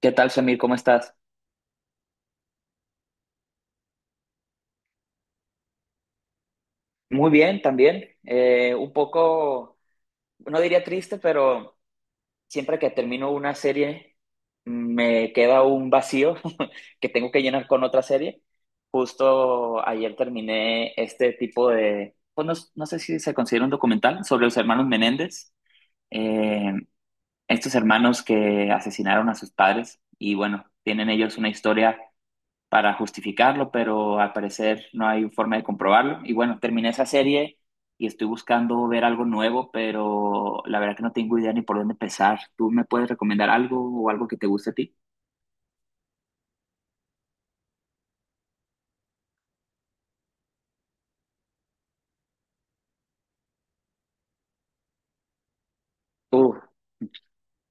¿Qué tal, Samir? ¿Cómo estás? Muy bien, también. No diría triste, pero siempre que termino una serie me queda un vacío que tengo que llenar con otra serie. Justo ayer terminé este tipo de, pues no sé si se considera un documental sobre los hermanos Menéndez, eh, estos hermanos que asesinaron a sus padres y bueno, tienen ellos una historia para justificarlo, pero al parecer no hay forma de comprobarlo. Y bueno, terminé esa serie y estoy buscando ver algo nuevo, pero la verdad que no tengo idea ni por dónde empezar. ¿Tú me puedes recomendar algo o algo que te guste a ti? Uf,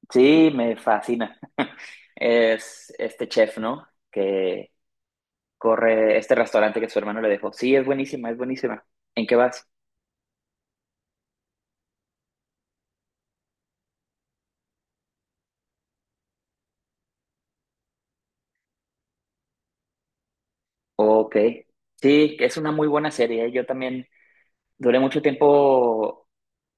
sí, me fascina. Es este chef, ¿no? Que corre este restaurante que su hermano le dejó. Sí, es buenísima, es buenísima. ¿En qué vas? Ok. Sí, es una muy buena serie. Yo también duré mucho tiempo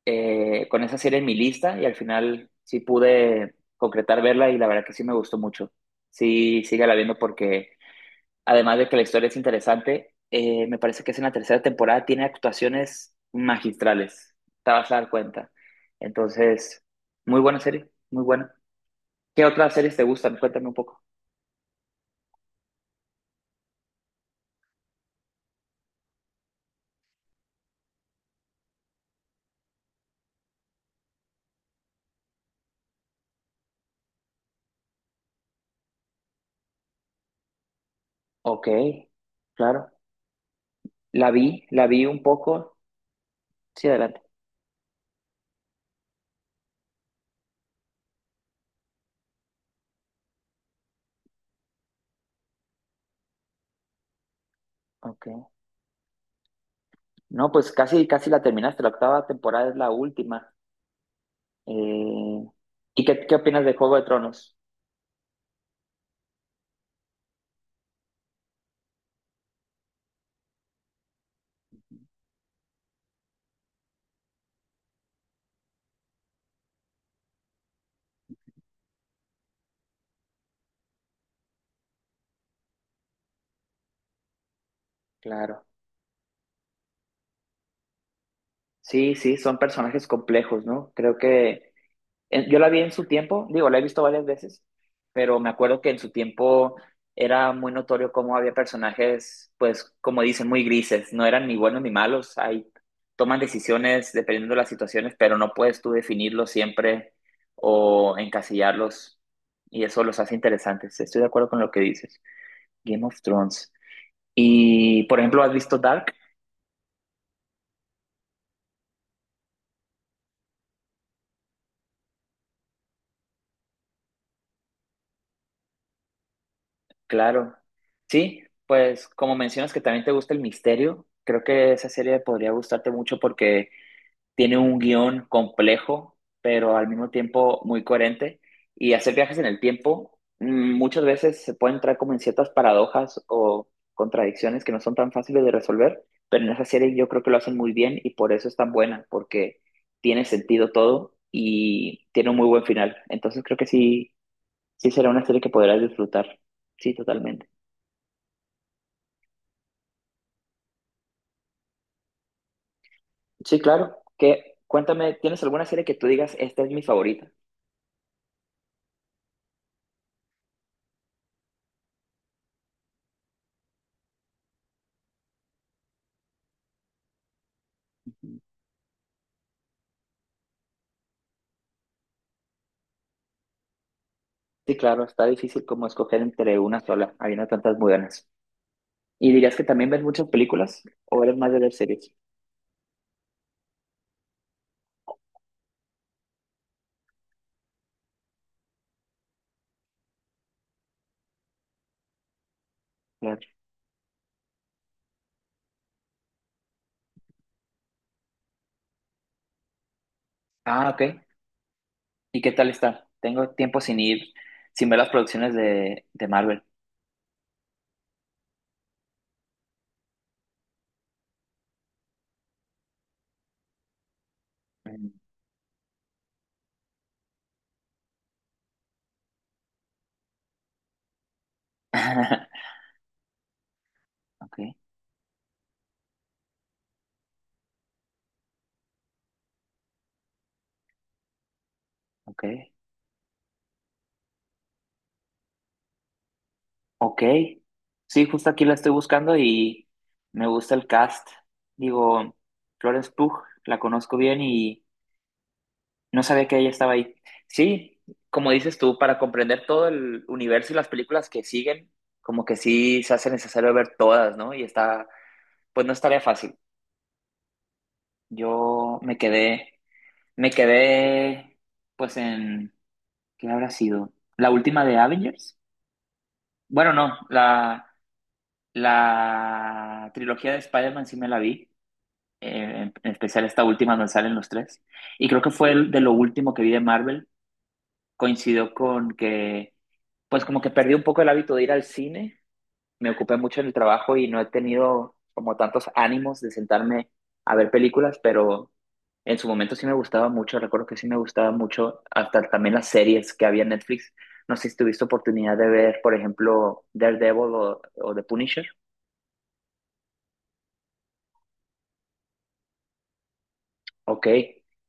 con esa serie en mi lista y al final sí pude concretar verla y la verdad que sí me gustó mucho. Sí, sígala viendo porque además de que la historia es interesante, me parece que es en la tercera temporada, tiene actuaciones magistrales, te vas a dar cuenta. Entonces, muy buena serie, muy buena. ¿Qué otras series te gustan? Cuéntame un poco. Ok, claro. La vi, un poco. Sí, adelante. Ok. No, pues casi la terminaste. La octava temporada es la última. Eh, ¿Y qué opinas de Juego de Tronos? Claro. Sí, sí, son personajes complejos, ¿no? Creo que yo la vi en su tiempo, digo, la he visto varias veces, pero me acuerdo que en su tiempo era muy notorio cómo había personajes, pues, como dicen, muy grises, no eran ni buenos ni malos, ahí toman decisiones dependiendo de las situaciones, pero no puedes tú definirlos siempre o encasillarlos, y eso los hace interesantes. Estoy de acuerdo con lo que dices. Game of Thrones. Y, por ejemplo, ¿has visto Dark? Claro. Sí, pues como mencionas que también te gusta el misterio, creo que esa serie podría gustarte mucho porque tiene un guión complejo, pero al mismo tiempo muy coherente. Y hacer viajes en el tiempo muchas veces se puede entrar como en ciertas paradojas o contradicciones que no son tan fáciles de resolver, pero en esa serie yo creo que lo hacen muy bien y por eso es tan buena, porque tiene sentido todo y tiene un muy buen final. Entonces creo que sí. Sí, será una serie que podrás disfrutar. Sí, totalmente. Sí, claro. Que, cuéntame, ¿tienes alguna serie que tú digas, esta es mi favorita? Sí, claro, está difícil como escoger entre una sola. Habiendo tantas muy buenas. ¿Y dirías que también ves muchas películas o eres más de ver series? Claro. Ah, ok. ¿Y qué tal está? Tengo tiempo sin ir, sin ver las producciones de Marvel. Mm. Ok, ok. Ok, sí, justo aquí la estoy buscando y me gusta el cast. Digo, Florence Pugh, la conozco bien y no sabía que ella estaba ahí. Sí, como dices tú, para comprender todo el universo y las películas que siguen, como que sí se hace necesario ver todas, ¿no? Y está, pues no es tarea fácil. Yo me quedé, pues en, ¿qué habrá sido? ¿La última de Avengers? Bueno, no, la trilogía de Spider-Man sí me la vi. En especial esta última donde salen los tres. Y creo que fue el de lo último que vi de Marvel. Coincidió con que, pues como que perdí un poco el hábito de ir al cine, me ocupé mucho en el trabajo y no he tenido como tantos ánimos de sentarme a ver películas, pero en su momento sí me gustaba mucho, recuerdo que sí me gustaba mucho, hasta también las series que había en Netflix. No sé si tuviste oportunidad de ver, por ejemplo, Daredevil o The Punisher. Ok,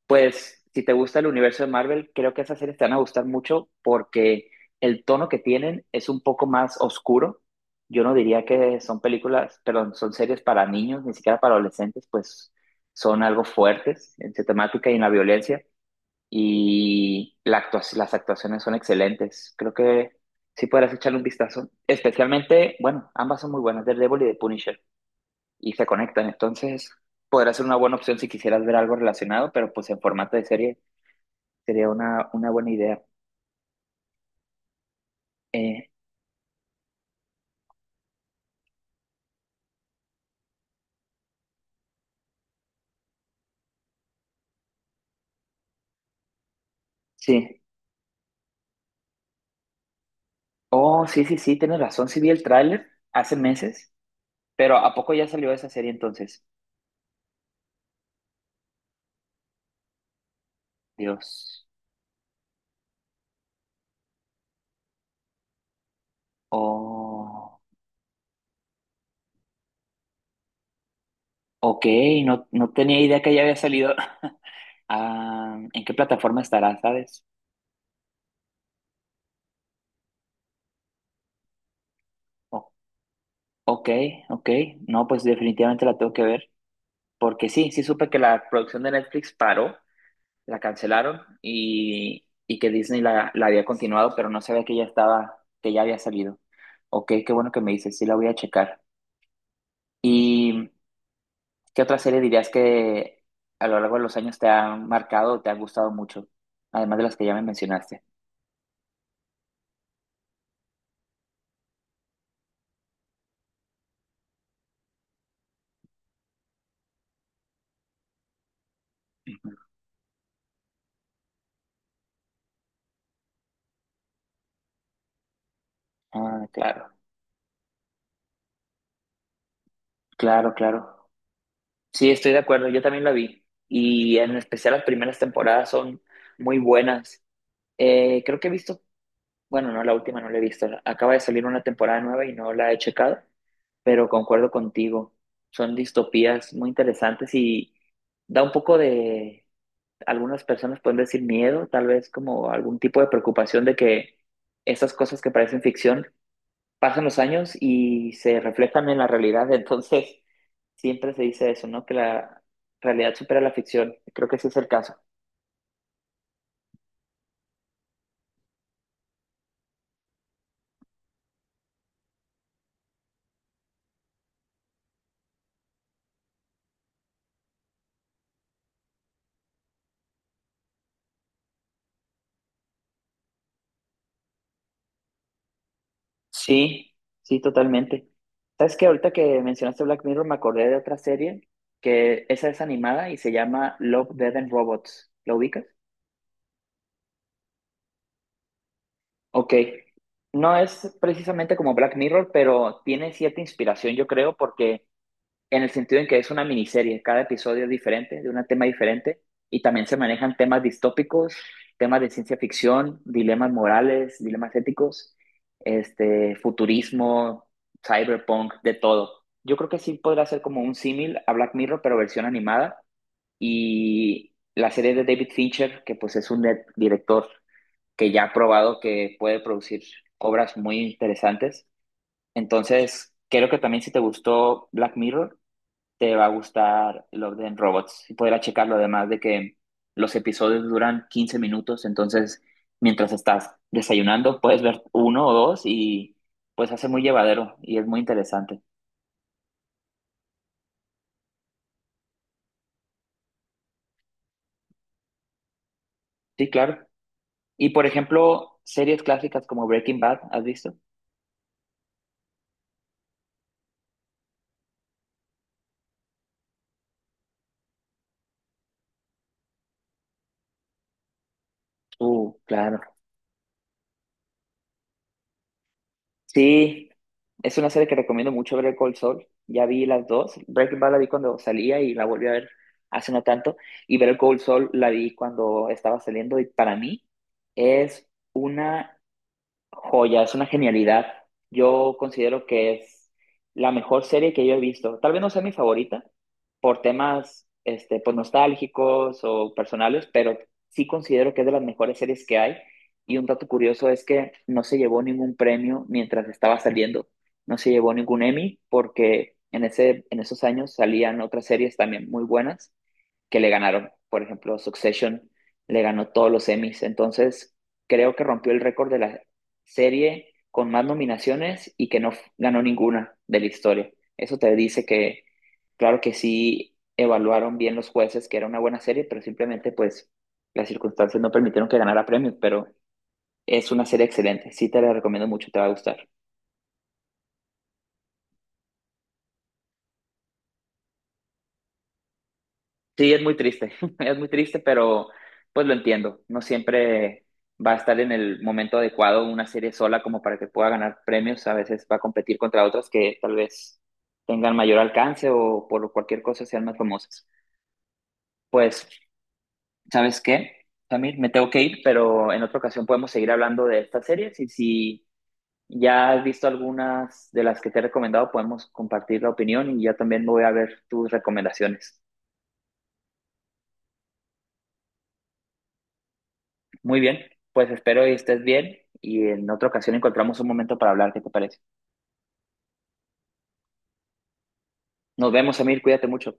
pues si te gusta el universo de Marvel, creo que esas series te van a gustar mucho porque el tono que tienen es un poco más oscuro. Yo no diría que son películas, perdón, son series para niños, ni siquiera para adolescentes, pues son algo fuertes en su temática y en la violencia. Y las actuaciones son excelentes. Creo que sí podrás echarle un vistazo. Especialmente, bueno, ambas son muy buenas, Daredevil y The Punisher y se conectan. Entonces, podrá ser una buena opción si quisieras ver algo relacionado, pero pues en formato de serie sería una buena idea. Eh, sí. Oh, sí, sí, sí, tienes razón. Sí vi el tráiler hace meses, pero ¿a poco ya salió esa serie entonces? Dios. Oh, ok, no, no tenía idea que ya había salido. Ah, ¿en qué plataforma estará, sabes? O- ok, ok. No, pues definitivamente la tengo que ver, porque sí, sí supe que la producción de Netflix paró, la cancelaron y que Disney la había continuado, pero no sabía que ya estaba, que ya había salido. Ok, qué bueno que me dices, sí la voy a checar. ¿Y qué otra serie dirías que a lo largo de los años te ha marcado o te ha gustado mucho? Además de las que ya me mencionaste. Ujú. Ah, claro. Sí, estoy de acuerdo, yo también la vi. Y en especial las primeras temporadas son muy buenas. Creo que he visto. Bueno, no, la última no la he visto. Acaba de salir una temporada nueva y no la he checado, pero concuerdo contigo. Son distopías muy interesantes y da un poco de, algunas personas pueden decir miedo, tal vez como algún tipo de preocupación de que esas cosas que parecen ficción pasan los años y se reflejan en la realidad. Entonces, siempre se dice eso, ¿no? Que la realidad supera la ficción. Creo que ese es el caso. Sí, sí, totalmente. ¿Sabes qué? Ahorita que mencionaste Black Mirror, me acordé de otra serie que esa es animada y se llama Love, Dead and Robots. ¿Lo ubicas? Ok. No es precisamente como Black Mirror, pero tiene cierta inspiración, yo creo, porque en el sentido en que es una miniserie, cada episodio es diferente, de un tema diferente, y también se manejan temas distópicos, temas de ciencia ficción, dilemas morales, dilemas éticos, futurismo, cyberpunk, de todo. Yo creo que sí podrá ser como un símil a Black Mirror, pero versión animada, y la serie de David Fincher, que pues es un director que ya ha probado que puede producir obras muy interesantes. Entonces, creo que también si te gustó Black Mirror, te va a gustar Love Dead and Robots. Y podrás checarlo además de que los episodios duran 15 minutos, entonces mientras estás desayunando puedes ver uno o dos y pues hace muy llevadero y es muy interesante. Sí, claro. Y por ejemplo, series clásicas como Breaking Bad, ¿has visto? Claro. Sí, es una serie que recomiendo mucho ver Cold Saul. Ya vi las dos. Breaking Bad la vi cuando salía y la volví a ver hace no tanto. Y Better Cold Saul la vi cuando estaba saliendo y para mí es una Joya, es una genialidad. Yo considero que es la mejor serie que yo he visto. Tal vez no sea mi favorita por temas pues, nostálgicos o personales, pero sí considero que es de las mejores series que hay. Y un dato curioso es que no se llevó ningún premio mientras estaba saliendo. No se llevó ningún Emmy porque en en esos años salían otras series también muy buenas que le ganaron. Por ejemplo, Succession le ganó todos los Emmys. Entonces, creo que rompió el récord de serie con más nominaciones y que no f- ganó ninguna de la historia. Eso te dice que, claro que sí evaluaron bien los jueces que era una buena serie, pero simplemente pues las circunstancias no permitieron que ganara premios, pero es una serie excelente. Sí te la recomiendo mucho, te va a gustar. Sí, es muy triste, es muy triste, pero pues lo entiendo. No siempre va a estar en el momento adecuado una serie sola como para que pueda ganar premios. A veces va a competir contra otras que tal vez tengan mayor alcance o por cualquier cosa sean más famosas. Pues, ¿sabes qué? Samir, me tengo que ir, pero en otra ocasión podemos seguir hablando de estas series y si ya has visto algunas de las que te he recomendado, podemos compartir la opinión y ya también me voy a ver tus recomendaciones. Muy bien, pues espero y estés bien y en otra ocasión encontramos un momento para hablar, ¿qué te parece? Nos vemos, Emil, cuídate mucho.